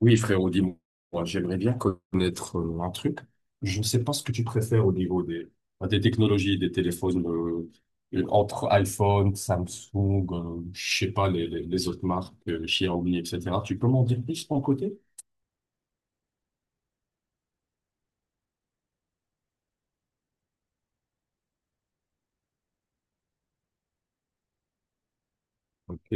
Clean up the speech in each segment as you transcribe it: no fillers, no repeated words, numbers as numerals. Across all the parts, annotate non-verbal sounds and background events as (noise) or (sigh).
Oui, frérot, dis-moi, j'aimerais bien connaître un truc. Je ne sais pas ce que tu préfères au niveau enfin, des technologies, des téléphones, entre iPhone, Samsung, je sais pas, les autres marques, Xiaomi, etc. Tu peux m'en dire plus de ton côté? Ok,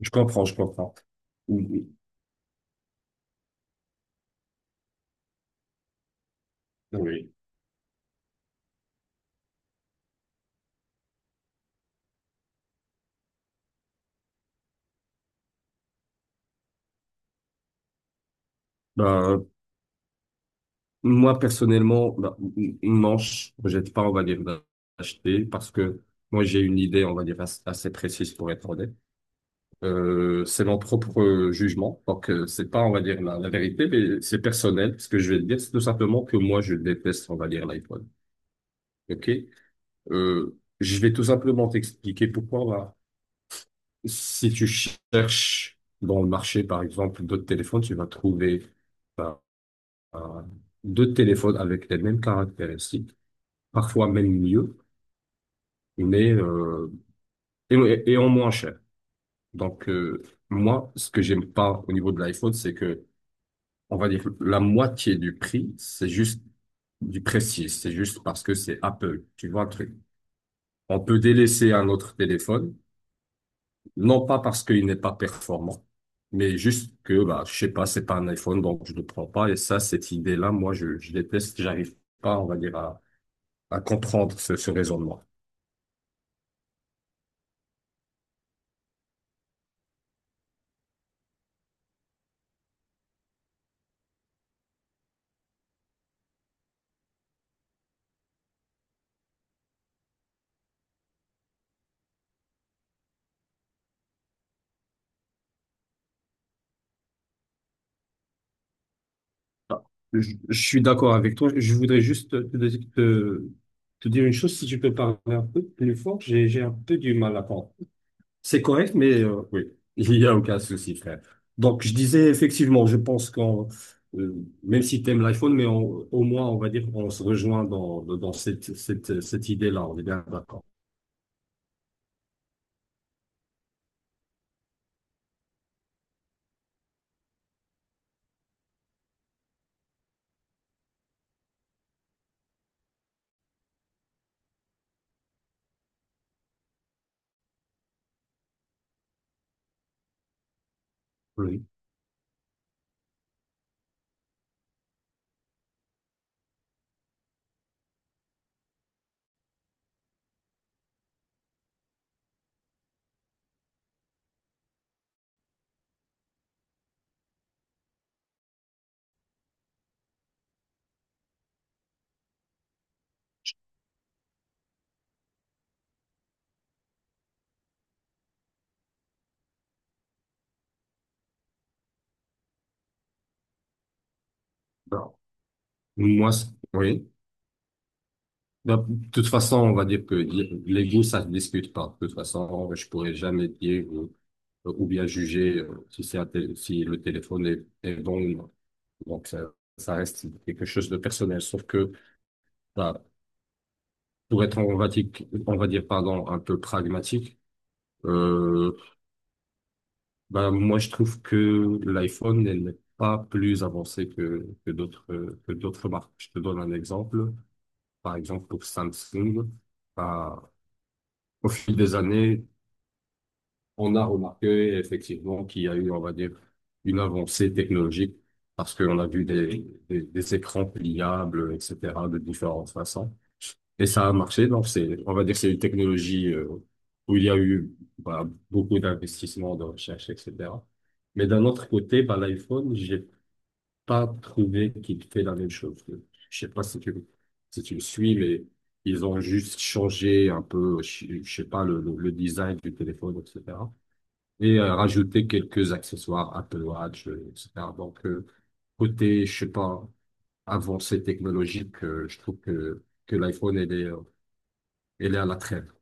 je comprends, je comprends. Oui. Oui. Ben, moi, personnellement, non, je ne projette pas, on va dire, d'acheter parce que moi, j'ai une idée, on va dire, assez assez précise pour être honnête. C'est mon propre jugement. Donc, c'est pas, on va dire, la vérité, mais c'est personnel. Ce que je vais te dire, c'est tout simplement que moi, je déteste, on va dire, l'iPhone. OK? Je vais tout simplement t'expliquer pourquoi. Bah, si tu cherches dans le marché, par exemple, d'autres téléphones, tu vas trouver bah, un- deux téléphones avec les mêmes caractéristiques, parfois même mieux, mais euh, et en moins cher. Donc, moi, ce que j'aime pas au niveau de l'iPhone, c'est que on va dire la moitié du prix, c'est juste du prestige, c'est juste parce que c'est Apple, tu vois le truc. On peut délaisser un autre téléphone, non pas parce qu'il n'est pas performant, mais juste que bah je sais pas, c'est pas un iPhone donc je ne le prends pas et ça cette idée-là moi je déteste, j'arrive pas on va dire à comprendre ce raisonnement. Ah, je suis d'accord avec toi, je voudrais juste te, te dire une chose si tu peux parler un peu plus fort, j'ai un peu du mal à comprendre. C'est correct, mais oui, (laughs) il y a aucun souci, frère. Donc, je disais effectivement, euh, même si tu aimes l'iPhone, mais au moins, on va dire qu'on se rejoint dans cette idée-là. On est bien d'accord. Oui. Alors, Moi, c'est- oui. Ben, de toute façon, on va dire que les goûts, ça ne se discute pas. De toute façon, je pourrais jamais dire ou bien juger si c'est un si le téléphone est, est bon ou non. Donc, ça reste quelque chose de personnel. Sauf que, voilà, Pour être, on va dire, pardon, un peu pragmatique, euh, ben, moi, je trouve que l'iPhone, elle n'est pas plus avancée que d'autres marques. Je te donne un exemple. Par exemple, pour Samsung, ben, au fil des années, on a remarqué effectivement qu'il y a eu, on va dire, une avancée technologique parce qu'on a vu des écrans pliables, etc., de différentes façons. Et ça a marché, donc c'est, on va dire que c'est une technologie où il y a eu bah, beaucoup d'investissements, de recherche, etc. Mais d'un autre côté, bah, l'iPhone, j'ai pas trouvé qu'il fait la même chose. Je sais pas si tu, si tu le suis, mais ils ont juste changé un peu, je sais pas, le design du téléphone, etc. Et rajouté quelques accessoires, Apple Watch, etc. Donc, côté, je sais pas, avancée technologique, je trouve que l'iPhone, elle est à la traîne.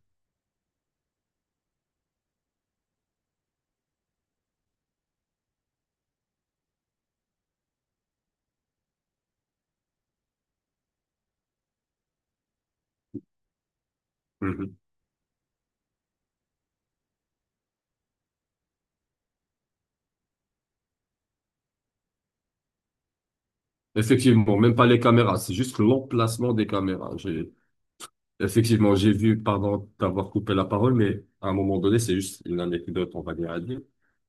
Mhm. Effectivement, même pas les caméras, c'est juste l'emplacement des caméras. Effectivement, j'ai vu, pardon d'avoir coupé la parole, mais à un moment donné, c'est juste une anecdote, on va dire, à dire.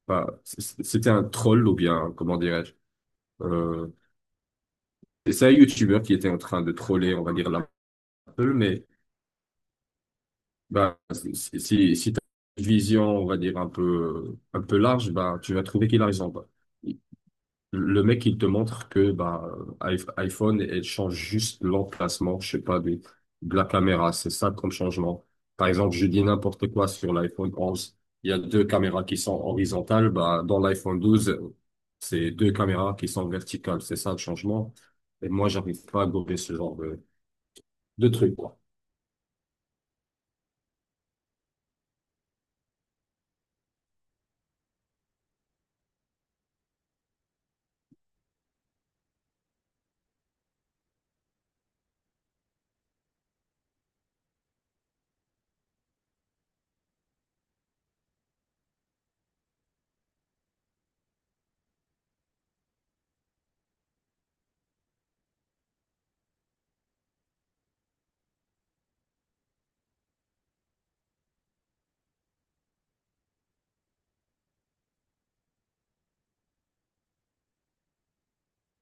Enfin, c'était un troll, ou bien, comment dirais-je, euh, c'est un YouTuber qui était en train de troller, on va dire, l'Apple, mais bah, si tu une vision, on va dire, un peu large, bah, tu vas trouver qu'il a raison. Bah, le mec, il te montre que bah, iPhone, elle change juste l'emplacement, je sais pas, de la caméra. C'est ça comme changement. Par exemple, je dis n'importe quoi sur l'iPhone 11. Il y a deux caméras qui sont horizontales. Bah, dans l'iPhone 12, c'est deux caméras qui sont verticales. C'est ça le changement. Et moi, j'arrive pas à gober ce genre de truc, quoi.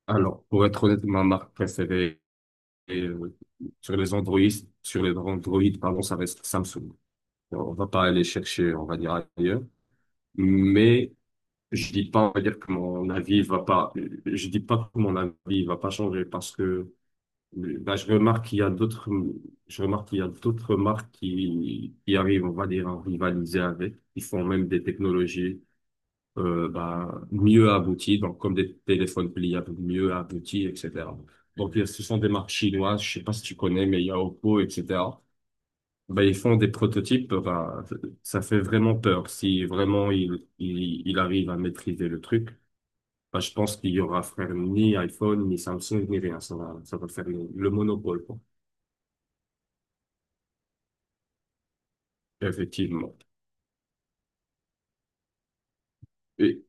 Alors, pour être honnête, ma marque préférée euh, sur les Android, sur les Android, pardon, ça reste Samsung. On va pas aller chercher, on va dire ailleurs. Mais je dis pas, on va dire que mon avis va pas, je dis pas que mon avis va pas changer parce que ben, je remarque qu'il y a d'autres marques qui arrivent, on va dire, à rivaliser avec, qui font même des technologies ben, mieux abouties, donc comme des téléphones pliables mieux aboutis, etc. Donc ce sont des marques chinoises, je sais pas si tu connais, mais il y a Oppo, etc. Bah, ils font des prototypes, bah, ça fait vraiment peur. Si vraiment il arrive à maîtriser le truc, bah, je pense qu'il y aura frère ni iPhone, ni Samsung, ni rien. Ça va faire le monopole, quoi. Effectivement. Et,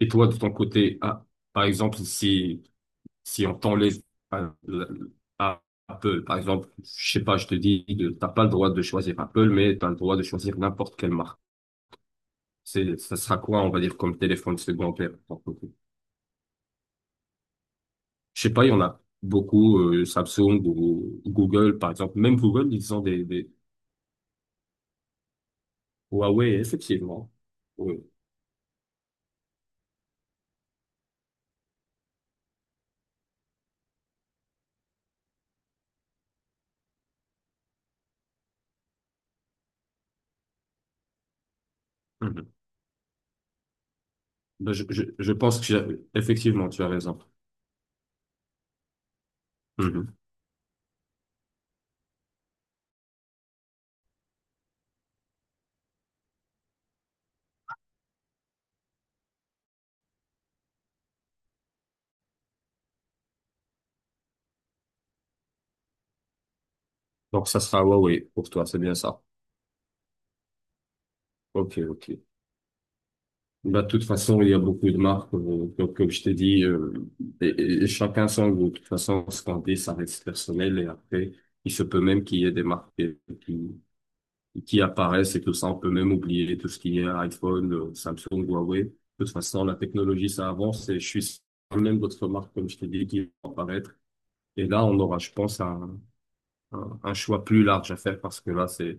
et toi, de ton côté, ah, par exemple, si, si on t'enlève à- à Apple, par exemple, je sais pas, je te dis, t'as pas le droit de choisir Apple, mais t'as le droit de choisir n'importe quelle marque. Ça sera quoi, on va dire, comme téléphone secondaire? Je sais pas, il y en a beaucoup, Samsung ou Google, par exemple. Même Google, ils ont des Huawei, effectivement. Oui. Mhm. Ben, je pense que effectivement, tu as raison. Mhm. Donc, ça sera Huawei pour toi, c'est bien ça. Ok, ok. Bah, de toute façon, il y a beaucoup de marques, comme, comme je t'ai dit, et, et chacun son goût. De toute façon, ce qu'on dit, ça reste personnel et après, il se peut même qu'il y ait des marques qui, qui apparaissent et tout ça. On peut même oublier tout ce qui est iPhone, Samsung, Huawei. De toute façon, la technologie, ça avance et je suis sûr que même d'autres marques, comme je t'ai dit, qui vont apparaître. Et là, on aura, je pense, un choix plus large à faire parce que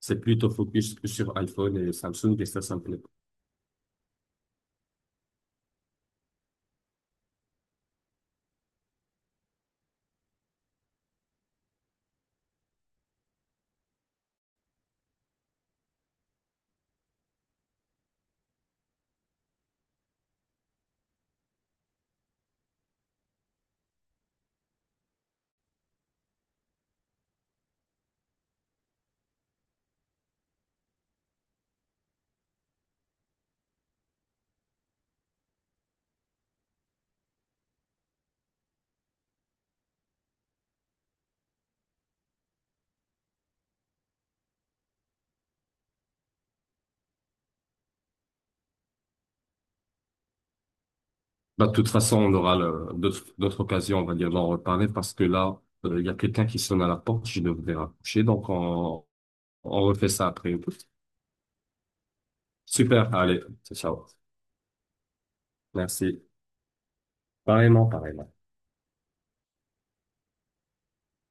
c'est plutôt focus que sur iPhone et Samsung et ça me plaît pas. Bah, de toute façon, on aura d'autres, d'autres occasions, on va dire, d'en reparler parce que là, il y a quelqu'un qui sonne à la porte, je devrais raccrocher. Donc, on refait ça après. Super, allez, ciao. Merci. Pareillement, pareillement.